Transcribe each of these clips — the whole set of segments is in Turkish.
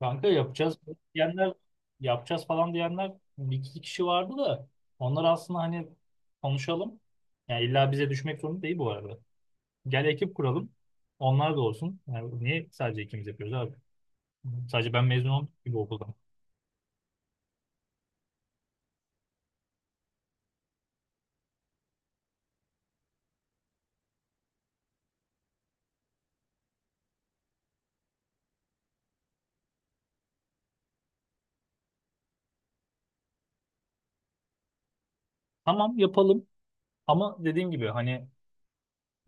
Kanka, diyenler yapacağız falan diyenler bir iki kişi vardı da onlar aslında, hani, konuşalım. Yani illa bize düşmek zorunda değil bu arada. Gel ekip kuralım. Onlar da olsun. Yani niye sadece ikimiz yapıyoruz abi? Sadece ben mezun oldum gibi okuldan. Tamam, yapalım ama dediğim gibi hani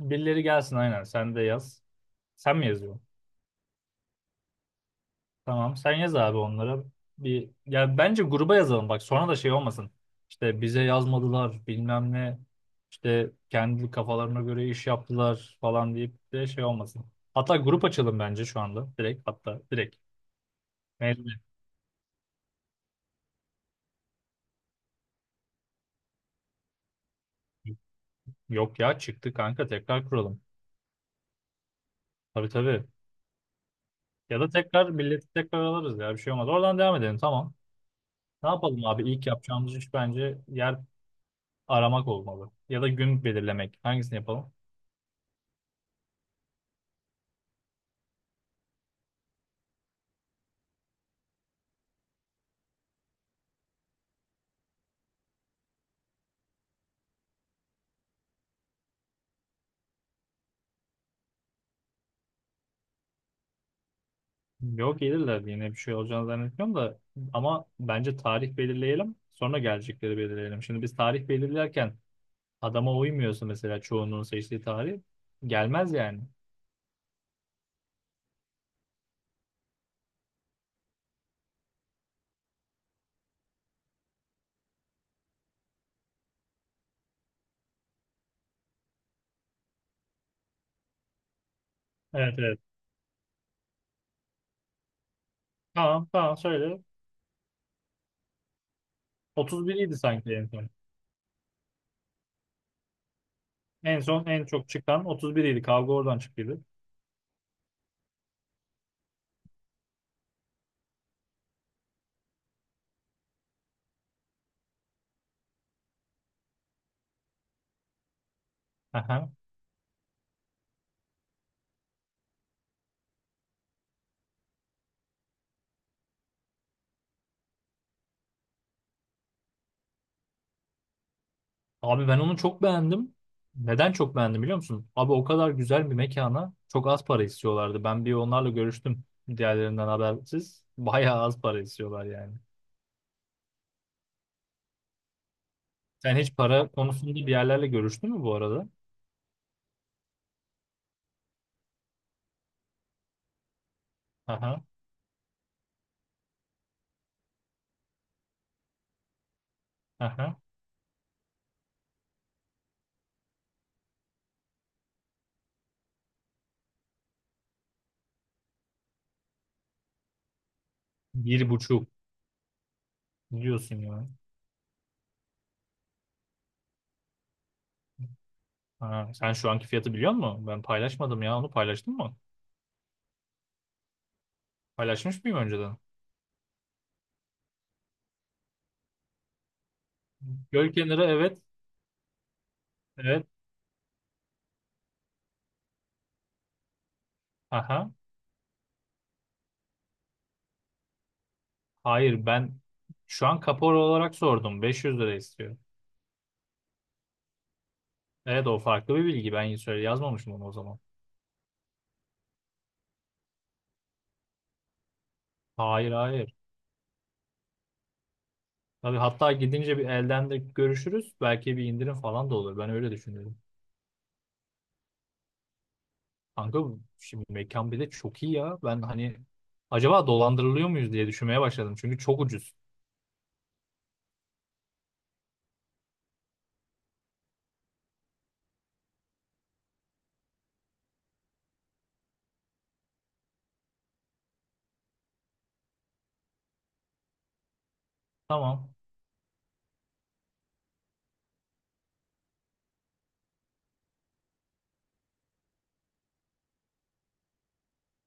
birileri gelsin, aynen, sen de yaz. Sen mi yazıyorsun? Tamam, sen yaz abi onlara. Bir, ya bence gruba yazalım bak, sonra da şey olmasın. İşte bize yazmadılar bilmem ne. İşte kendi kafalarına göre iş yaptılar falan deyip de şey olmasın. Hatta grup açalım bence şu anda. Direkt, hatta direkt. Mezun. Yok ya, çıktı kanka, tekrar kuralım. Tabii tabii. Ya da tekrar milleti tekrar alırız ya, bir şey olmaz. Oradan devam edelim, tamam. Ne yapalım abi? İlk yapacağımız iş bence yer aramak olmalı. Ya da gün belirlemek. Hangisini yapalım? Yok, gelirler diye yine bir şey olacağını zannetmiyorum da ama bence tarih belirleyelim, sonra gelecekleri belirleyelim. Şimdi biz tarih belirlerken adama uymuyorsa mesela çoğunluğun seçtiği tarih, gelmez yani. Evet evet. Tamam tamam, söyle. 31 idi sanki en son. En son en çok çıkan 31 idi. Kavga oradan çıktıydı. Aha. Abi ben onu çok beğendim. Neden çok beğendim biliyor musun? Abi, o kadar güzel bir mekana çok az para istiyorlardı. Ben bir onlarla görüştüm, diğerlerinden habersiz. Bayağı az para istiyorlar yani. Sen hiç para konusunda bir yerlerle görüştün mü bu arada? Aha, aha. Bir buçuk diyorsun ya. Ha, sen şu anki fiyatı biliyor musun? Ben paylaşmadım ya. Onu paylaştın mı? Paylaşmış mıyım önceden? Göl kenarı, evet. Evet. Aha. Hayır, ben şu an kapora olarak sordum. 500 lira istiyor. Evet, o farklı bir bilgi. Ben söyle yazmamışım onu o zaman. Hayır hayır. Tabii, hatta gidince bir elden de görüşürüz. Belki bir indirim falan da olur. Ben öyle düşünüyorum. Kanka, şimdi mekan bir de çok iyi ya. Ben, hani, acaba dolandırılıyor muyuz diye düşünmeye başladım. Çünkü çok ucuz. Tamam.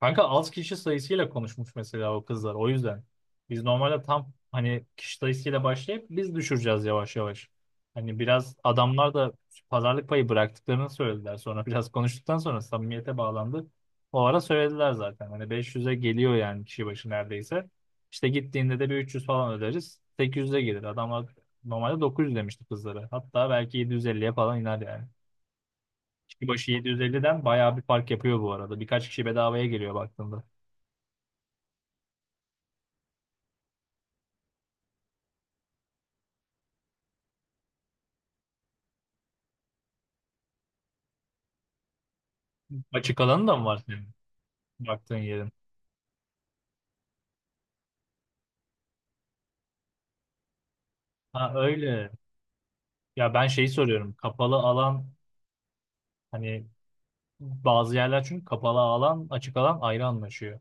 Kanka, az kişi sayısıyla konuşmuş mesela o kızlar. O yüzden biz normalde tam hani kişi sayısıyla başlayıp biz düşüreceğiz yavaş yavaş. Hani biraz adamlar da pazarlık payı bıraktıklarını söylediler. Sonra biraz konuştuktan sonra samimiyete bağlandı. O ara söylediler zaten. Hani 500'e geliyor yani kişi başı neredeyse. İşte gittiğinde de bir 300 falan öderiz. 800'e gelir. Adamlar normalde 900 demişti kızlara. Hatta belki 750'ye falan iner yani. Kişi başı 750'den bayağı bir fark yapıyor bu arada. Birkaç kişi bedavaya geliyor baktığında. Açık alanı da mı var senin baktığın yerin? Ha, öyle. Ya ben şeyi soruyorum. Kapalı alan, hani bazı yerler çünkü kapalı alan açık alan ayrı anlaşıyor.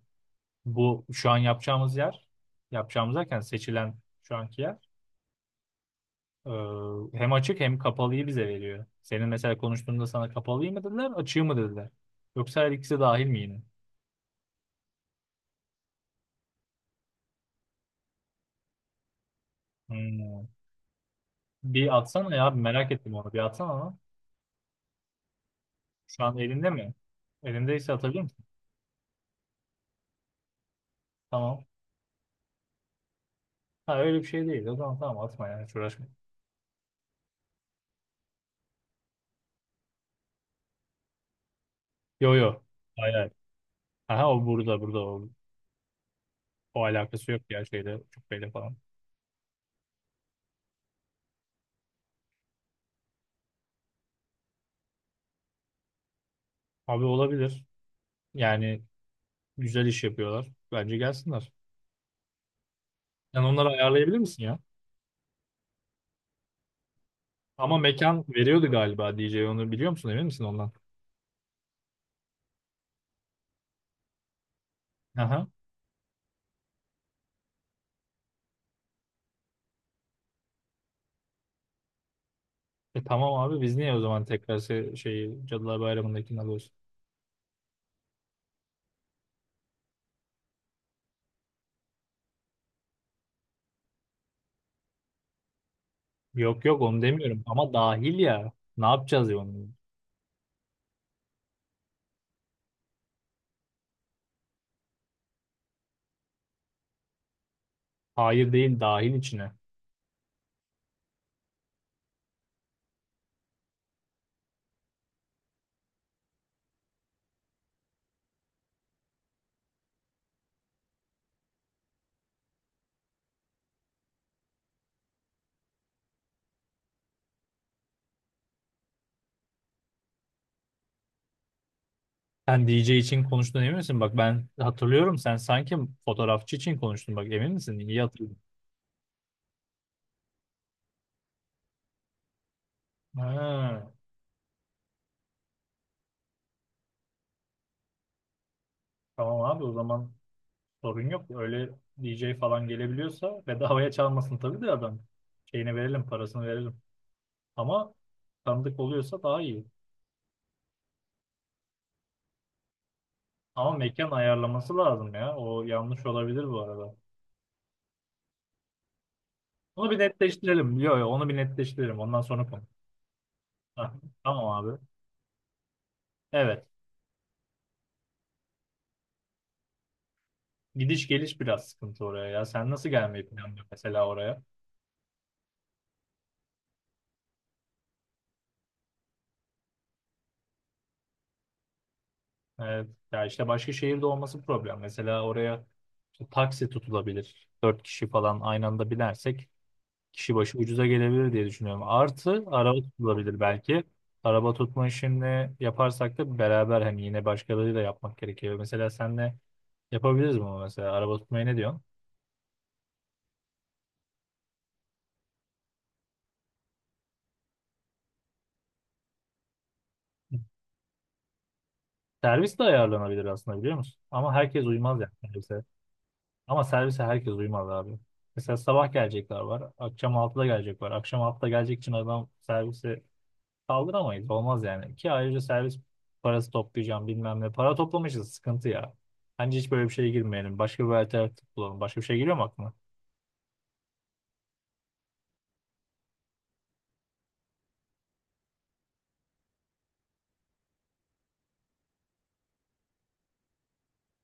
Bu şu an yapacağımız yer, yapacağımız derken seçilen şu anki yer, hem açık hem kapalıyı bize veriyor. Senin mesela konuştuğunda sana kapalıyı mı dediler, açığı mı dediler? Yoksa her ikisi dahil mi yine? Hmm. Bir atsana ya, merak ettim onu, bir atsana ama. Şu an elinde mi? Elindeyse atabilir misin? Tamam. Ha, öyle bir şey değil. O zaman tamam, atma ya, hiç uğraşma. Yo yo. Hayır hayır. Aha, o burada, burada o. O alakası yok ya şeyde, cübbeyle falan. Abi olabilir. Yani güzel iş yapıyorlar. Bence gelsinler. Sen onları ayarlayabilir misin ya? Ama mekan veriyordu galiba DJ, onu biliyor musun? Emin misin ondan? Aha. E tamam abi, biz niye o zaman tekrar se- şeyi Cadılar Bayramı'ndakini alıyoruz? Yok yok, onu demiyorum ama dahil ya. Ne yapacağız ya onu? Hayır, değil, dahil içine. Sen DJ için konuştun, emin misin? Bak, ben hatırlıyorum, sen sanki fotoğrafçı için konuştun. Bak, emin misin? İyi hatırlıyorum. Ha, tamam abi, o zaman sorun yok. Öyle, DJ falan gelebiliyorsa bedavaya çalmasın tabii de adam. Şeyini verelim, parasını verelim. Ama tanıdık oluyorsa daha iyi. Ama mekan ayarlaması lazım ya. O yanlış olabilir bu arada. Onu bir netleştirelim. Yok yok, onu bir netleştirelim. Ondan sonra konu. Ha, tamam abi. Evet. Gidiş geliş biraz sıkıntı oraya ya. Sen nasıl gelmeyi planlıyorsun mesela oraya? Evet. Ya işte başka şehirde olması problem. Mesela oraya, işte, taksi tutulabilir. Dört kişi falan aynı anda binersek kişi başı ucuza gelebilir diye düşünüyorum. Artı araba tutulabilir belki. Araba tutma işini yaparsak da beraber, hani, yine başkalarıyla yapmak gerekiyor. Mesela senle yapabiliriz bunu mesela. Araba tutmayı ne diyorsun? Servis de ayarlanabilir aslında, biliyor musun? Ama herkes uymaz yani servise. Ama servise herkes uymaz abi. Mesela sabah gelecekler var. Akşam altıda gelecek var. Akşam altıda gelecek için adam servise kaldıramayız. Olmaz yani. Ki ayrıca servis parası toplayacağım bilmem ne. Para toplamışız. Sıkıntı ya. Bence hiç böyle bir şeye girmeyelim. Başka bir alternatif bulalım. Başka bir şey geliyor mu aklına?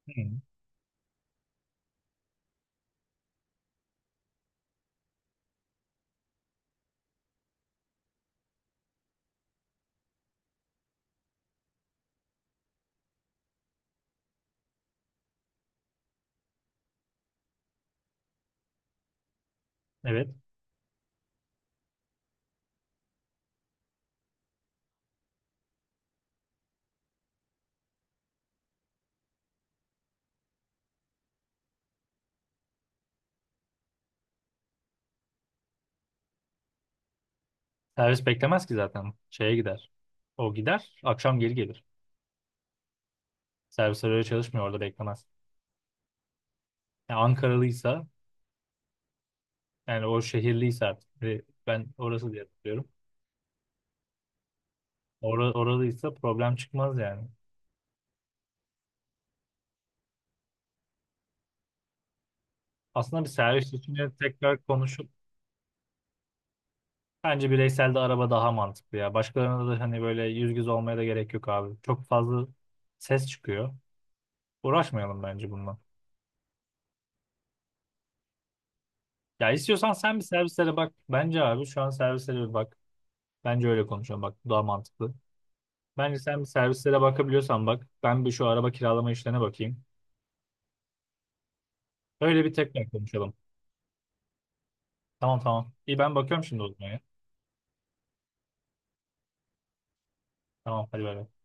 Hı. Evet. Servis beklemez ki zaten. Şeye gider. O gider. Akşam geri gelir. Servisler öyle çalışmıyor. Orada beklemez. Yani Ankaralıysa, yani o şehirliyse artık. Ve ben orası diye hatırlıyorum. Oralıysa problem çıkmaz yani. Aslında bir servis için tekrar konuşup, bence bireysel de araba daha mantıklı ya. Başkalarına da hani böyle yüz yüze olmaya da gerek yok abi. Çok fazla ses çıkıyor. Uğraşmayalım bence bununla. Ya istiyorsan sen bir servislere bak. Bence abi şu an servislere bir bak. Bence öyle konuşalım bak. Bu daha mantıklı. Bence sen bir servislere bakabiliyorsan bak. Ben bir şu araba kiralama işlerine bakayım. Öyle bir tekrar konuşalım. Tamam tamam. İyi, ben bakıyorum şimdi o zaman ya. Tamam, hadi bay bay.